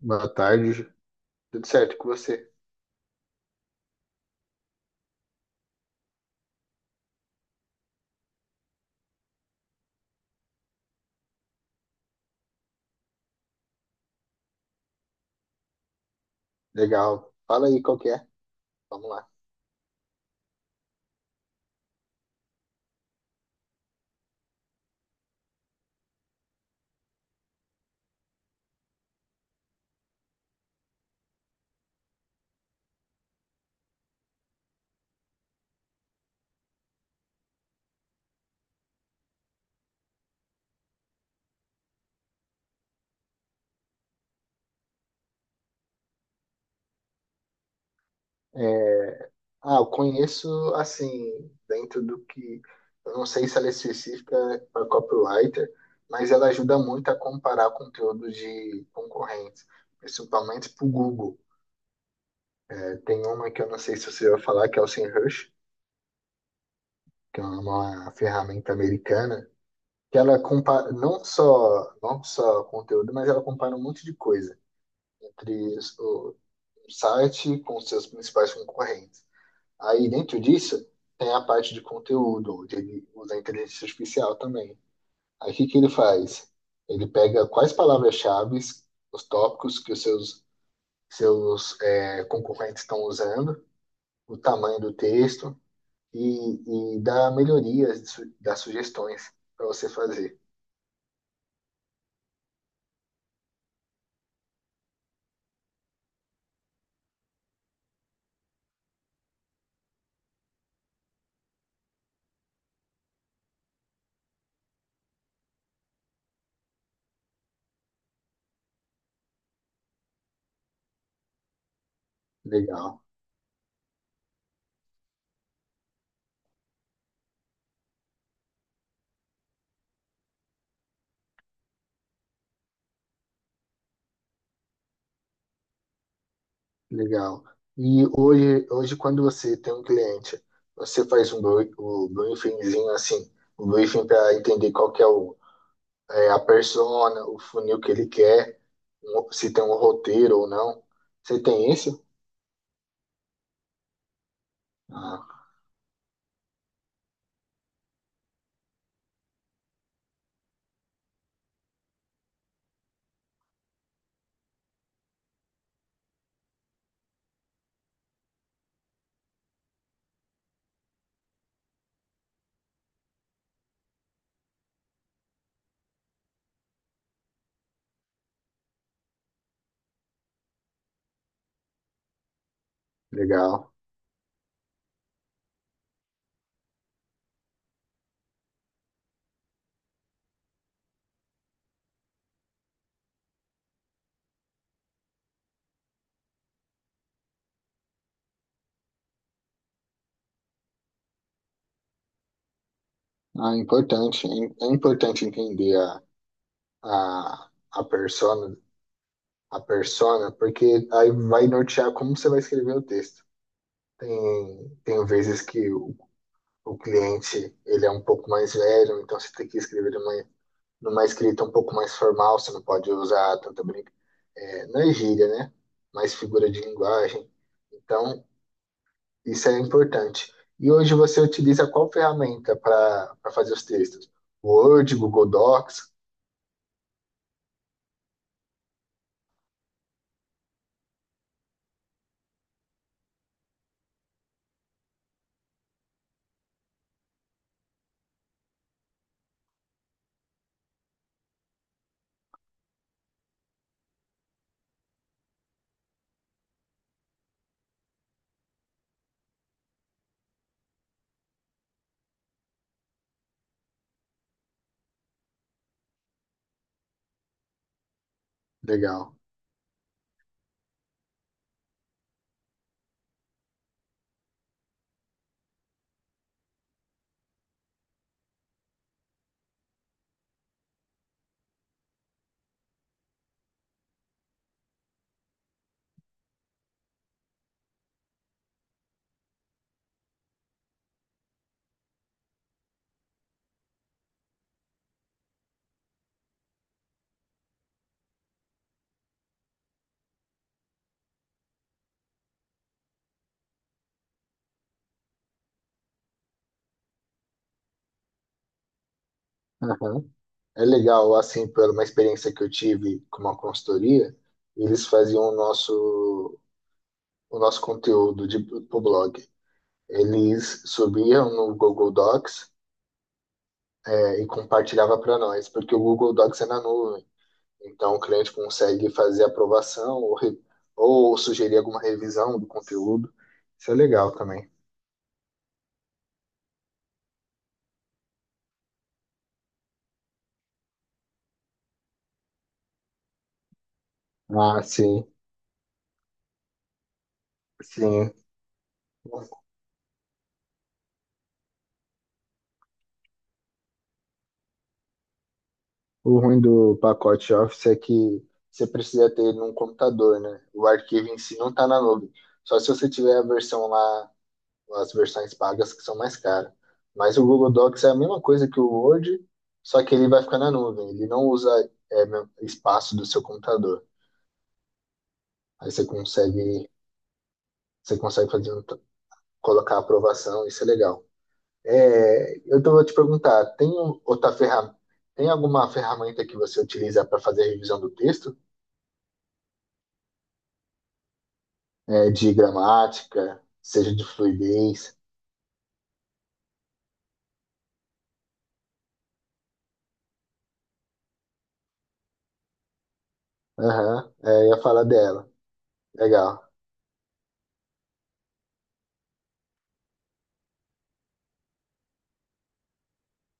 Boa tarde. Tudo certo com você? Legal. Fala aí qual que é. Vamos lá. É, eu conheço, assim, dentro do que. Eu não sei se ela é específica para copywriter, mas ela ajuda muito a comparar conteúdo de concorrentes, principalmente para o Google. É, tem uma que eu não sei se você vai falar, que é o SEMrush, que é uma ferramenta americana, que ela compara não só conteúdo, mas ela compara um monte de coisa entre o site com seus principais concorrentes. Aí, dentro disso, tem a parte de conteúdo, onde ele usa a inteligência artificial também. Aí, o que que ele faz? Ele pega quais palavras-chave, os tópicos que os seus concorrentes estão usando, o tamanho do texto e dá melhorias, dá sugestões para você fazer. Legal. Legal. E hoje quando você tem um cliente, você faz um o briefingzinho assim, um briefing para entender qual que é, o, é a persona, o funil que ele quer, se tem um roteiro ou não. Você tem isso? Ah, legal. Ah, importante. É importante entender a persona, a persona, porque aí vai nortear como você vai escrever o texto. Tem vezes que o cliente ele é um pouco mais velho, então você tem que escrever numa, numa escrita um pouco mais formal, você não pode usar tanta brinca, é, não é gíria, né? Mais figura de linguagem. Então, isso é importante. E hoje você utiliza qual ferramenta para para fazer os textos? Word, Google Docs? Legal. Aham. É legal, assim, por uma experiência que eu tive com uma consultoria, eles faziam o nosso conteúdo de, pro blog. Eles subiam no Google Docs, é, e compartilhava para nós, porque o Google Docs é na nuvem. Então, o cliente consegue fazer aprovação ou, ou sugerir alguma revisão do conteúdo. Isso é legal também. Ah, sim, sim. O ruim do pacote Office é que você precisa ter ele num computador, né? O arquivo em si não está na nuvem. Só se você tiver a versão lá, as versões pagas que são mais caras. Mas o Google Docs é a mesma coisa que o Word, só que ele vai ficar na nuvem. Ele não usa, é, espaço do seu computador. Aí você consegue fazer um, colocar a aprovação, isso é legal. É, vou te perguntar, outra ferramenta, tem alguma ferramenta que você utiliza para fazer a revisão do texto? É, de gramática, seja de fluidez? Aham, é, eu ia falar dela. Legal.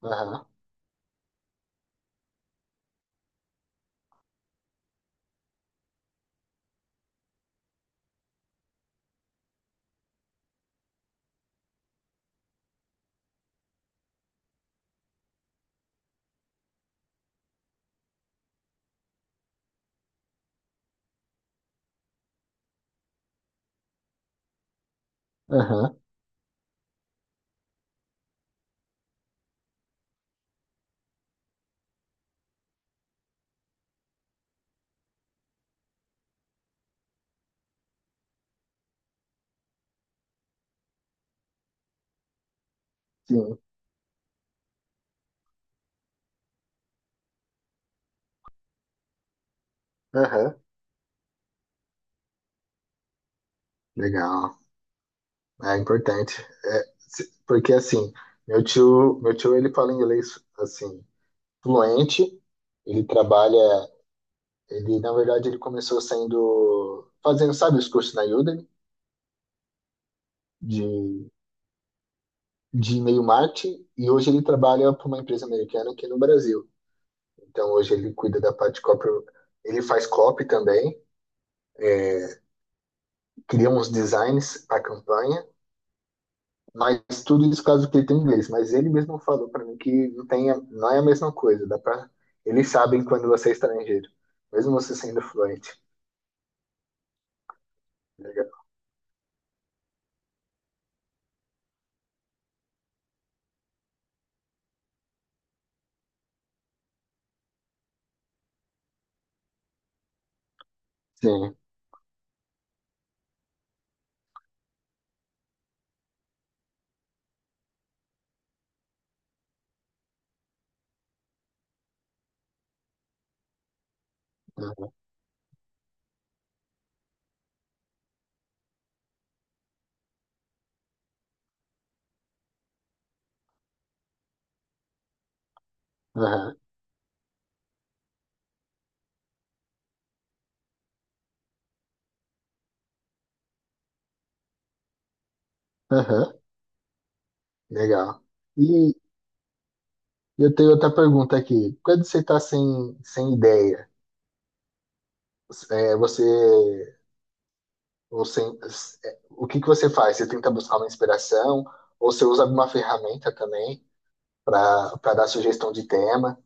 Aham, aham, sim. Aham, legal. É importante. Porque assim, meu tio ele fala inglês assim, fluente, ele trabalha, ele na verdade ele começou sendo fazendo, sabe, os cursos na Udemy de de e-mail marketing e hoje ele trabalha para uma empresa americana aqui no Brasil. Então hoje ele cuida da parte de copy, ele faz copy também, cria uns designs para campanha. Mas tudo isso caso que ele tem inglês. Mas ele mesmo falou para mim que não tem, não é a mesma coisa. Dá pra, eles sabem quando você é estrangeiro, mesmo você sendo fluente. Legal. Sim. Aham. Aham. Aham. Legal. E eu tenho outra pergunta aqui. Quando você está sem ideia, é, você, ou sem, é, o que que você faz? Você tenta buscar uma inspiração? Ou você usa alguma ferramenta também para para dar sugestão de tema?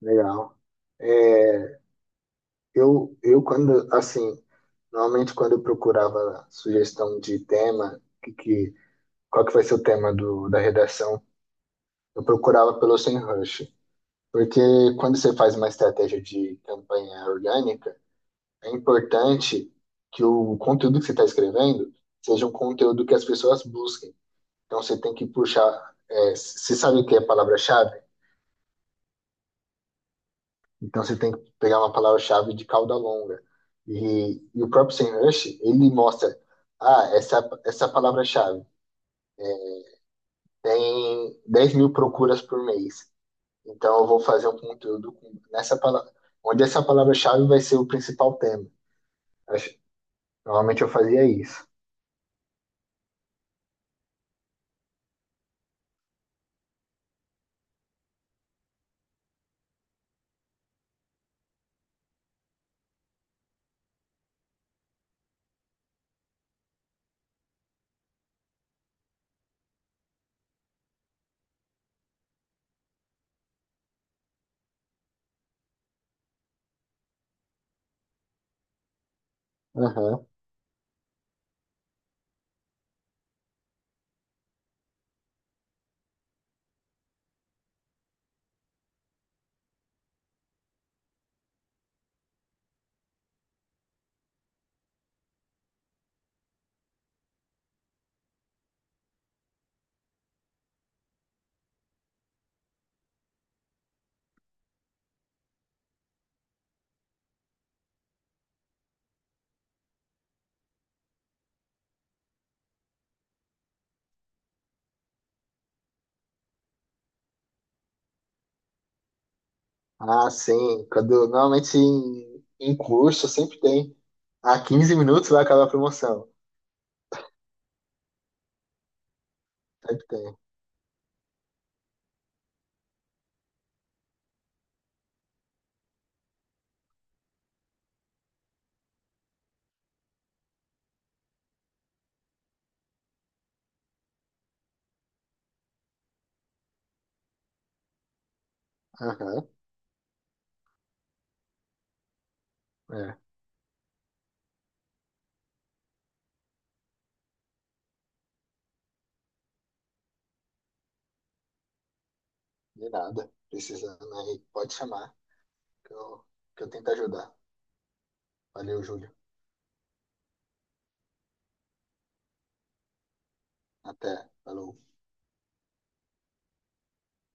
Legal. É, eu quando, assim, normalmente quando eu procurava sugestão de tema, qual que vai ser o tema do, da redação, eu procurava pelo semrush. Porque quando você faz uma estratégia de campanha orgânica, é importante que o conteúdo que você está escrevendo seja um conteúdo que as pessoas busquem. Então você tem que puxar, é, você sabe o que é palavra-chave? Então você tem que pegar uma palavra-chave de cauda longa. E o próprio Sam Rush, ele mostra, ah, essa palavra-chave tem 10 mil procuras por mês. Então eu vou fazer um conteúdo nessa palavra, onde essa palavra-chave vai ser o principal tema. Acho- Normalmente eu fazia isso. Aham. Ah, sim. Quando, normalmente em, em curso sempre tem. Ah, 15 minutos vai acabar a promoção. Sempre tem. Aham. É. De nada. Precisando aí, pode chamar. que eu, que eu tento ajudar. Valeu, Júlio. Até. Falou.